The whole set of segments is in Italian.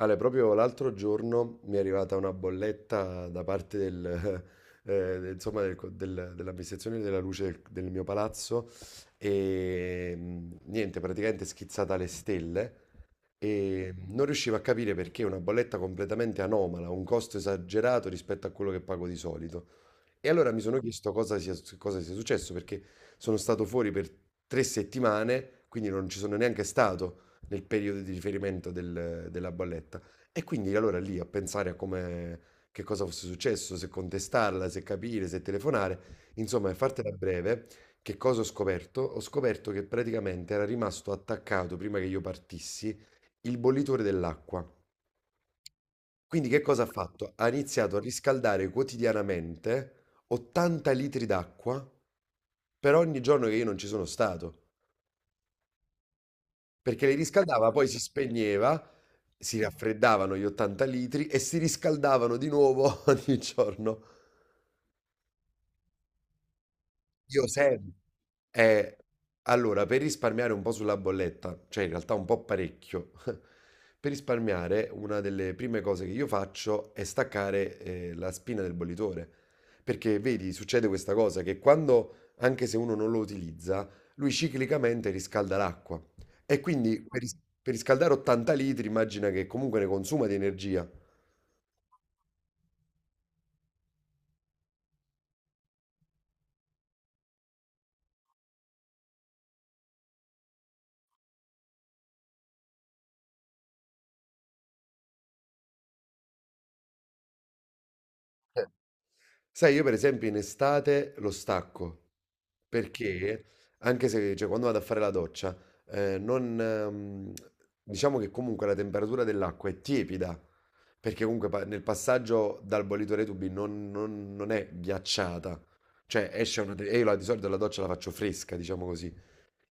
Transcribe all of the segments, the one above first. Ale, proprio l'altro giorno mi è arrivata una bolletta da parte del, dell'amministrazione della luce del mio palazzo e mm, niente, praticamente schizzata alle stelle e non riuscivo a capire perché una bolletta completamente anomala, un costo esagerato rispetto a quello che pago di solito. E allora mi sono chiesto cosa sia successo, perché sono stato fuori per 3 settimane, quindi non ci sono neanche stato nel periodo di riferimento della bolletta. E quindi allora lì a pensare a come, che cosa fosse successo, se contestarla, se capire, se telefonare, insomma, per fartela breve, che cosa ho scoperto? Ho scoperto che praticamente era rimasto attaccato, prima che io partissi, il bollitore dell'acqua. Quindi che cosa ha fatto? Ha iniziato a riscaldare quotidianamente 80 litri d'acqua per ogni giorno che io non ci sono stato, perché li riscaldava, poi si spegneva, si raffreddavano gli 80 litri e si riscaldavano di nuovo ogni giorno. Io sempre. Eh, allora, per risparmiare un po' sulla bolletta, cioè in realtà un po' parecchio, per risparmiare una delle prime cose che io faccio è staccare, la spina del bollitore. Perché vedi, succede questa cosa che quando, anche se uno non lo utilizza, lui ciclicamente riscalda l'acqua. E quindi per riscaldare 80 litri immagina che comunque ne consuma di energia. Eh. Sai, io per esempio in estate lo stacco. Perché anche se cioè, quando vado a fare la doccia, non, diciamo che comunque la temperatura dell'acqua è tiepida, perché comunque nel passaggio dal bollitore ai tubi non è ghiacciata. Cioè esce una... E io di solito la doccia la faccio fresca, diciamo così.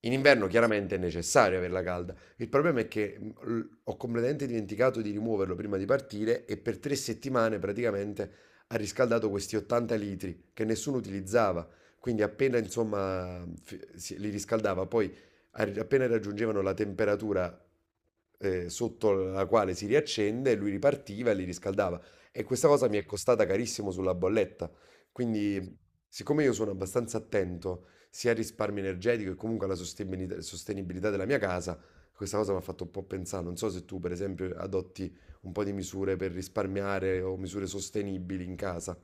In inverno chiaramente è necessario averla calda. Il problema è che ho completamente dimenticato di rimuoverlo prima di partire e per 3 settimane praticamente ha riscaldato questi 80 litri che nessuno utilizzava. Quindi appena insomma li riscaldava, poi appena raggiungevano la temperatura sotto la quale si riaccende, lui ripartiva e li riscaldava. E questa cosa mi è costata carissimo sulla bolletta. Quindi, siccome io sono abbastanza attento, sia il risparmio energetico e comunque la sostenibilità, sostenibilità della mia casa, questa cosa mi ha fatto un po' pensare. Non so se tu, per esempio, adotti un po' di misure per risparmiare o misure sostenibili in casa.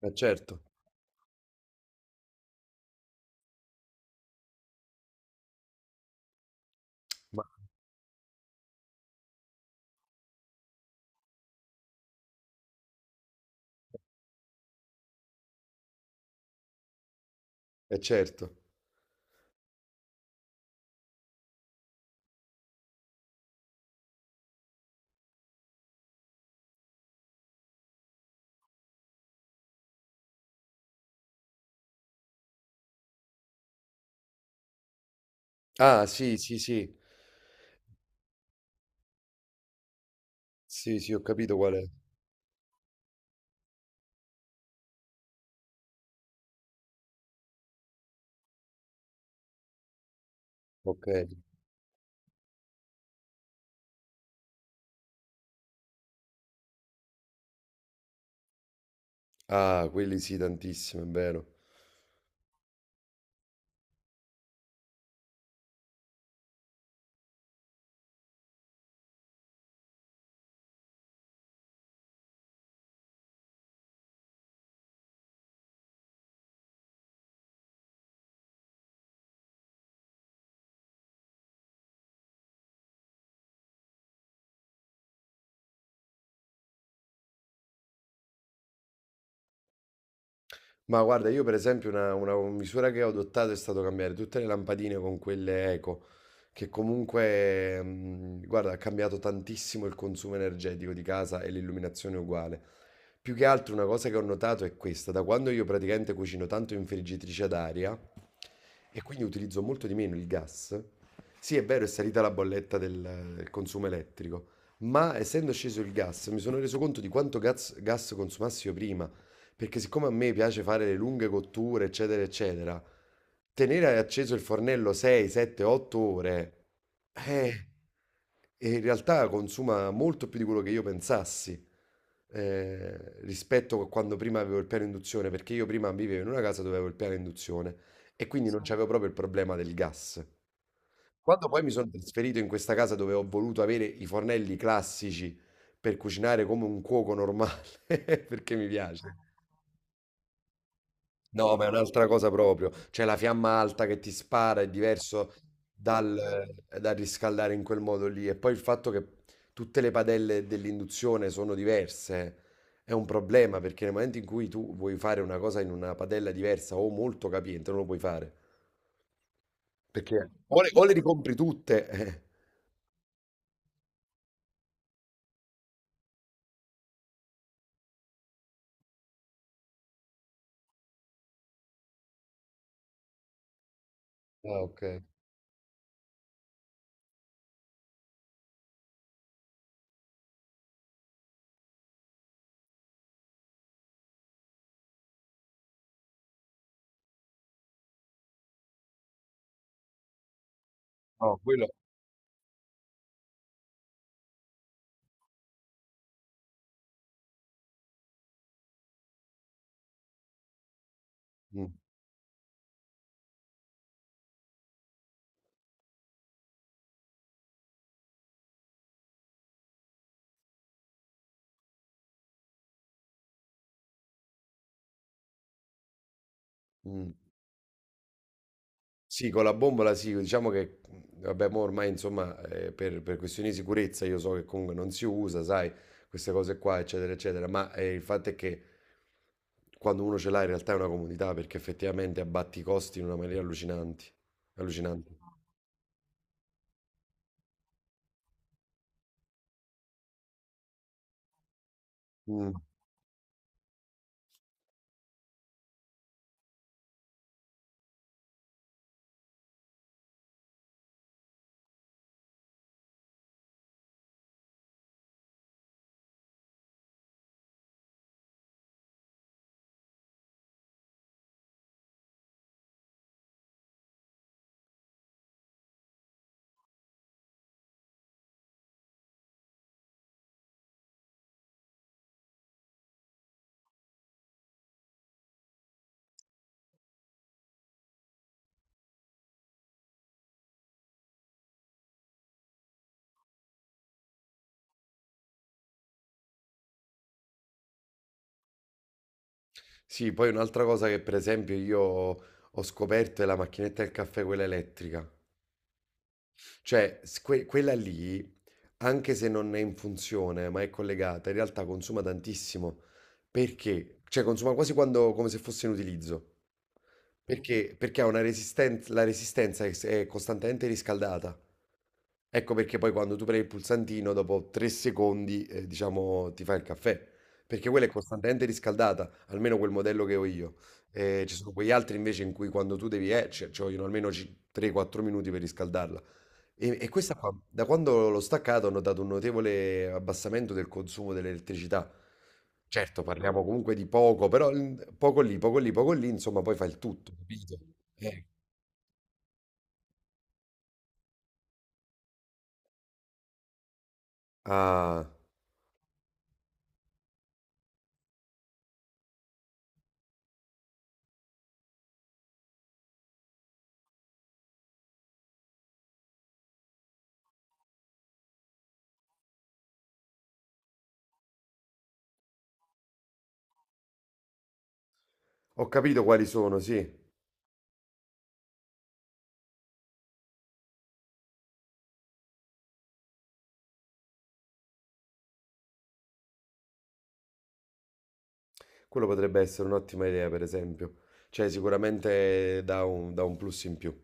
Eh, certo, ma eh, certo. Ah, sì, sì, sì. Sì, sì, ho capito qual è. Ok. Ah, quelli sì, tantissimo, è vero. Ma guarda, io per esempio una misura che ho adottato è stato cambiare tutte le lampadine con quelle eco, che comunque, guarda, ha cambiato tantissimo il consumo energetico di casa e l'illuminazione uguale. Più che altro una cosa che ho notato è questa, da quando io praticamente cucino tanto in friggitrice ad aria e quindi utilizzo molto di meno il gas, sì è vero è salita la bolletta del consumo elettrico, ma essendo sceso il gas mi sono reso conto di quanto gas consumassi io prima. Perché siccome a me piace fare le lunghe cotture, eccetera, eccetera, tenere acceso il fornello 6, 7, 8 ore, eh, e in realtà consuma molto più di quello che io pensassi, eh, rispetto a quando prima avevo il piano induzione, perché io prima vivevo in una casa dove avevo il piano induzione e quindi non c'avevo proprio il problema del gas. Quando poi mi sono trasferito in questa casa dove ho voluto avere i fornelli classici per cucinare come un cuoco normale, perché mi piace. No, ma è un'altra cosa proprio. Cioè la fiamma alta che ti spara è diverso dal, dal riscaldare in quel modo lì. E poi il fatto che tutte le padelle dell'induzione sono diverse è un problema perché nel momento in cui tu vuoi fare una cosa in una padella diversa o molto capiente, non lo puoi fare. Perché o le ricompri tutte. eh. Ah, ok. No, quello. Mm, mm. Sì, con la bombola sì, diciamo che vabbè, mo ormai insomma, per questioni di sicurezza io so che comunque non si usa, sai, queste cose qua, eccetera, eccetera, ma il fatto è che quando uno ce l'ha in realtà è una comodità perché effettivamente abbatti i costi in una maniera allucinante. Mm. Sì, poi un'altra cosa che per esempio io ho scoperto è la macchinetta del caffè, quella elettrica. Cioè, quella lì, anche se non è in funzione, ma è collegata, in realtà consuma tantissimo. Perché? Cioè, consuma quasi quando, come se fosse in utilizzo. Perché? Perché ha una resistenza, la resistenza è costantemente riscaldata. Ecco perché poi quando tu premi il pulsantino, dopo 3 secondi, diciamo, ti fa il caffè. Perché quella è costantemente riscaldata, almeno quel modello che ho io. Ci sono quegli altri invece in cui quando tu devi, ci vogliono almeno 3-4 minuti per riscaldarla. E questa qua, da quando l'ho staccato, ho notato un notevole abbassamento del consumo dell'elettricità. Certo, parliamo comunque di poco, però poco lì, poco lì, poco lì, insomma, poi fa il tutto, capito? Eh. Ah, ho capito quali sono, sì. Quello potrebbe essere un'ottima idea, per esempio. Cioè, sicuramente dà dà un plus in più.